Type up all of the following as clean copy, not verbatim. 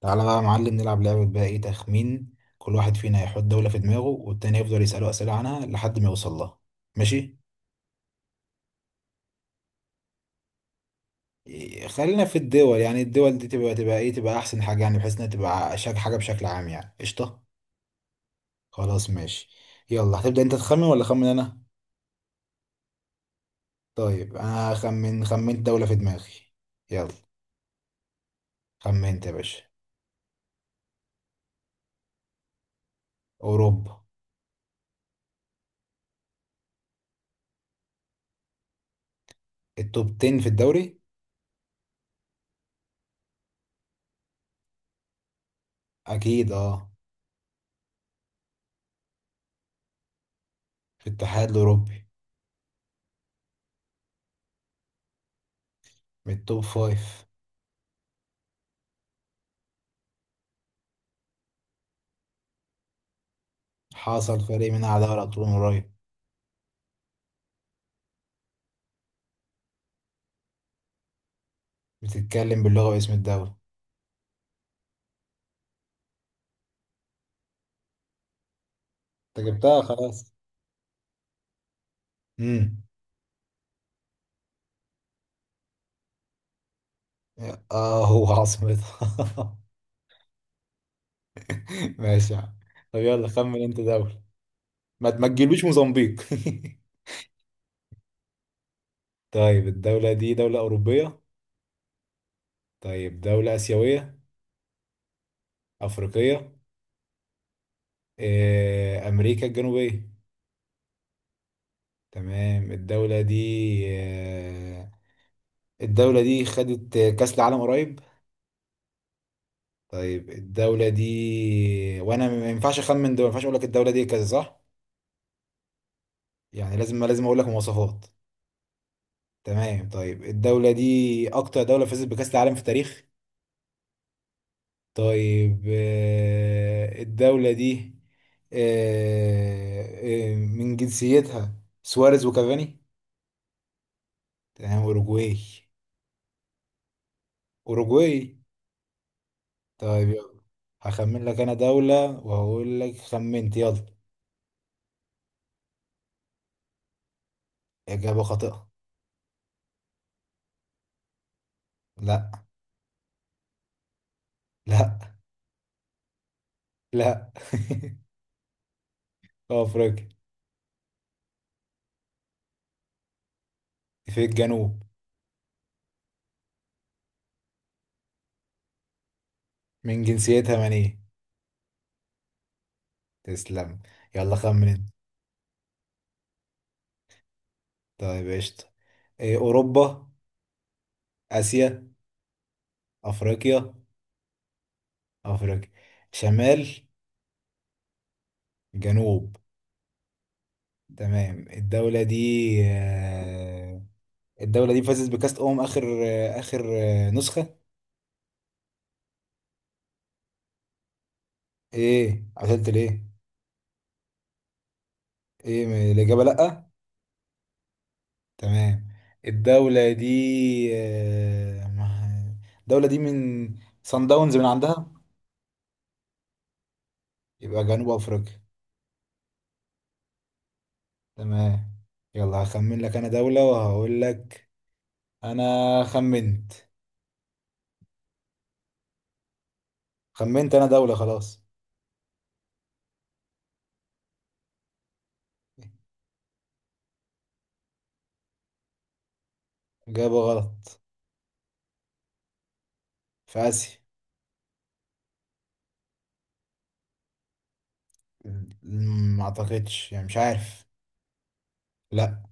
تعالى بقى يا معلم، نلعب لعبة بقى. ايه؟ تخمين. كل واحد فينا يحط دولة في دماغه والتاني يفضل يسأله أسئلة عنها لحد ما يوصل لها. ماشي. إيه، خلينا في الدول. يعني الدول دي تبقى ايه، تبقى أحسن حاجة، يعني بحيث انها تبقى شك حاجة بشكل عام. يعني قشطة. خلاص ماشي. يلا هتبدأ انت تخمن ولا أخمن أنا؟ طيب أنا. خمنت دولة في دماغي. يلا. خمنت يا باشا. أوروبا. التوب 10 في الدوري. أكيد اه. في الاتحاد الأوروبي. من التوب 5. حصل فريق منها على دوري أبطال من قريب. بتتكلم باللغة واسم الدولة. انت ماشي، جبتها خلاص. امم اه هو عاصمتها. ماشي يا عم. طب يلا خمن انت دولة. ما تجيلوش موزمبيق. طيب الدولة دي دولة أوروبية؟ طيب دولة آسيوية؟ أفريقية؟ أمريكا الجنوبية؟ تمام الدولة دي. آه، الدولة دي خدت كأس العالم قريب؟ طيب الدولة دي، وأنا ما ينفعش أخمن دول، ما ينفعش أقول لك الدولة دي كذا صح؟ يعني لازم أقول لك مواصفات. تمام. طيب الدولة دي أكتر دولة فازت بكأس العالم في التاريخ؟ طيب الدولة دي. آه، من جنسيتها سواريز وكافاني. تمام أوروجواي. أوروجواي. طيب يلا. هخمن لك أنا دولة وهقول لك خمنت، يلا. إجابة خاطئة. لا. لا. لا. في أفريقيا. في الجنوب. من جنسيتها من إيه. تسلم. يلا خمن انت. طيب قشطة. إيه، أوروبا؟ آسيا؟ أفريقيا؟ أفريقيا. شمال؟ جنوب؟ تمام الدولة دي. آه، الدولة دي فازت بكأس أمم آخر آخر نسخة. إيه عطلت ليه؟ إيه الإجابة لأ. تمام. الدولة دي. الدولة دي من صن داونز من عندها. يبقى جنوب أفريقيا. تمام. يلا هخمن لك أنا دولة وهقول لك أنا خمنت. خمنت أنا دولة خلاص. إجابة غلط. في آسيا. ما أعتقدش يعني، مش عارف. لا.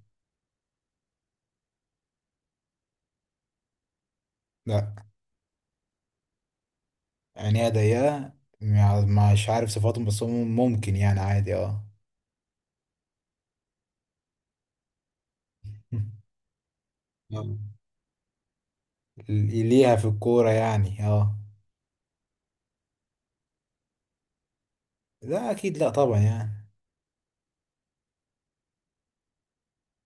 لا عينيها ضيقة. يعني مش عارف صفاتهم، بس هم ممكن يعني عادي اه. آه. ليها في الكورة يعني اه. لا أكيد، لا طبعا يعني.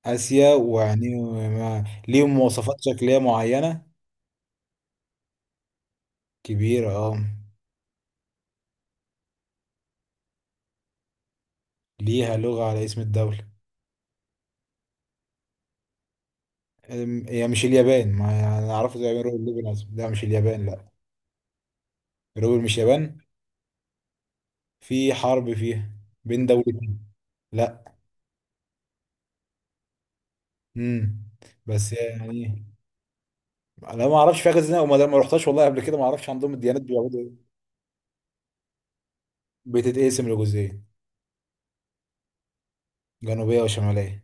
آسيا. وعينيهم ما- ليهم مواصفات شكلية معينة. كبيرة اه. ليها لغة على اسم الدولة. أم، هي مش اليابان. ما أنا أعرفه زي روبل لبنان. لا مش اليابان لا. روبل مش يابان. في حرب فيها بين دولتين. لا. امم بس يعني انا ما اعرفش فيها جزء وما ما رحتش والله قبل كده. ما اعرفش عندهم الديانات بيعبدوا إيه. بتتقسم لجزئين، جنوبيه وشماليه.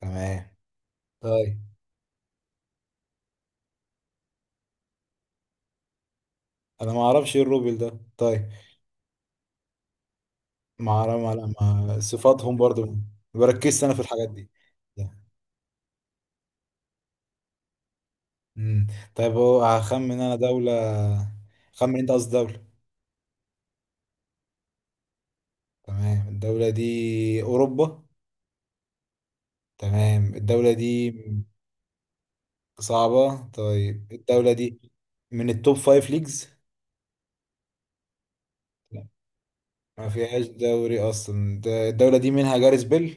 تمام. طيب انا ما اعرفش ايه الروبل ده طيب. ما اعرف صفاتهم برضو. ما بركزش انا في الحاجات دي. امم طيب هو هخمن انا دوله. خمن انت، قصدي دوله. تمام الدوله دي. اوروبا. تمام الدوله دي. صعبه. طيب الدوله دي من التوب فايف ليجز. ما فيهاش دوري اصلا، ده الدولة دي منها جاريسبل.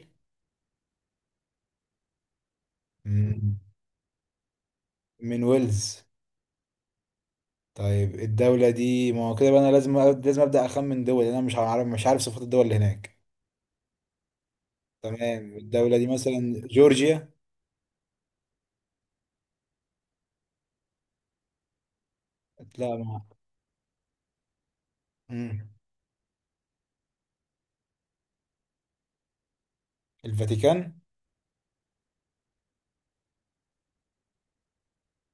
مم. من ويلز. طيب الدولة دي، ما هو كده بقى. انا لازم ابدا اخمن دول، لأن انا مش عارف صفات الدول اللي هناك. تمام. الدولة دي مثلا جورجيا. لا ما. مم. الفاتيكان.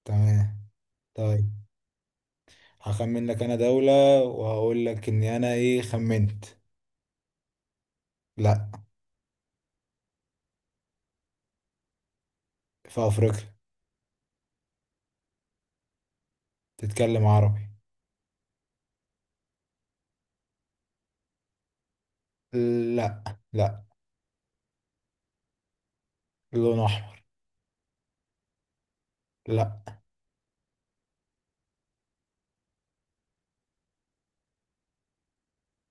تمام. طيب هخمن لك انا دولة وهقول لك اني انا ايه، خمنت. لا. في افريقيا. تتكلم عربي. لا. لا. لون احمر. لا.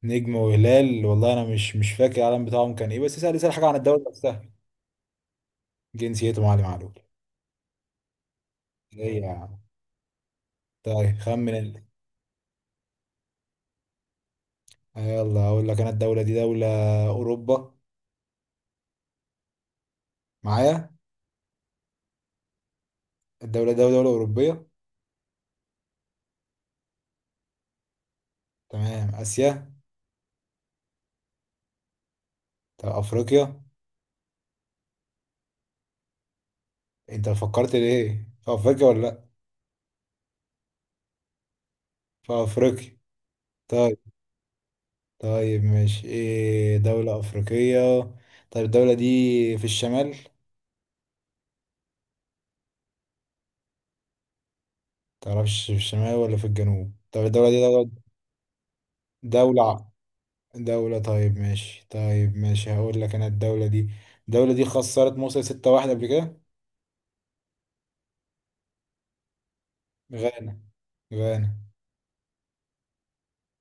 نجم وهلال. والله انا مش فاكر العلم بتاعهم كان ايه، بس اسال حاجه عن الدوري نفسها. جنسيته معلم معلول. ايه يا عم. طيب خمن انت. يلا اقول لك انا الدوله دي دوله اوروبا معايا. الدوله دي دوله اوروبيه. تمام، اسيا. طب افريقيا. انت فكرت ليه في افريقيا ولا لا؟ في افريقيا. طيب. طيب ماشي، ايه دوله افريقيه. طب الدوله دي في الشمال. تعرفش في الشمال ولا في الجنوب؟ طب الدوله دي دوله. دولة. دولة. طيب ماشي طيب ماشي، هقول لك انا الدولة دي. الدولة دي خسرت مصر ستة واحد قبل كده. غانا. غانا.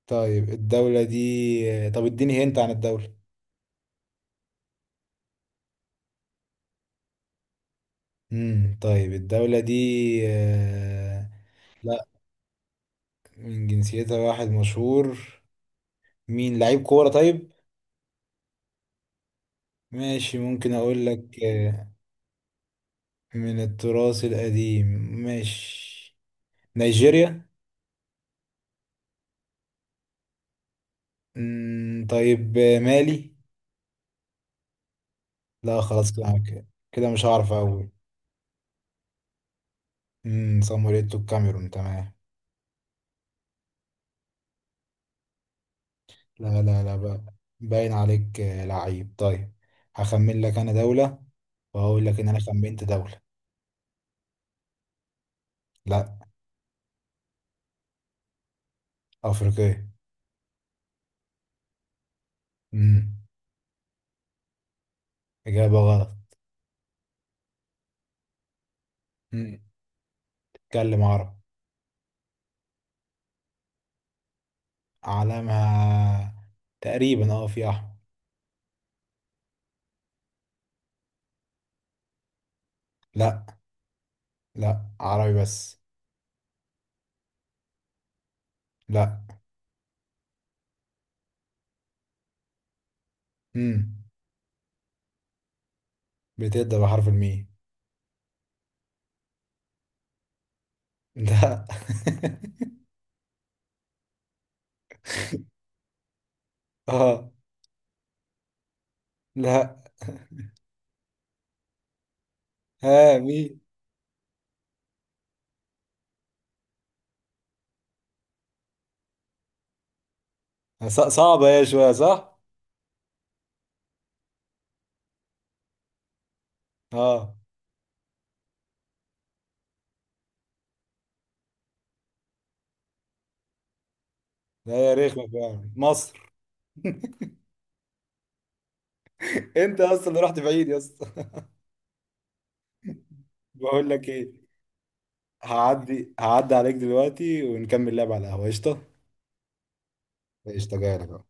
طيب الدولة دي، طب اديني هنت عن الدولة. طيب الدولة دي. آه، لا. من جنسيتها واحد مشهور. مين لعيب كورة طيب. ماشي ممكن اقول لك من التراث القديم. ماشي. نيجيريا. طيب مالي. لا خلاص كده. كده مش هعرف اقول. سان مارينو الكاميرون تمام. لا لا لا بقى. باين عليك لعيب طيب. هخمن لك انا دولة وهقول لك ان انا خمنت دولة. لا. افريقية. امم اجابة غلط. امم اتكلم عربي. علمها تقريبا اه في احمر. لا. لا عربي بس. لا. امم بتبدأ بحرف الميم. لا. اه. لا. ها مين؟ صعبة هي شوية صح. اه. لا هي رخمة فعلا مصر. انت اصلا رحت بعيد يا اسطى. بقول لك ايه. هعدي عليك دلوقتي ونكمل لعب على القهوه قشطه. قشطه، جاي لك اهو.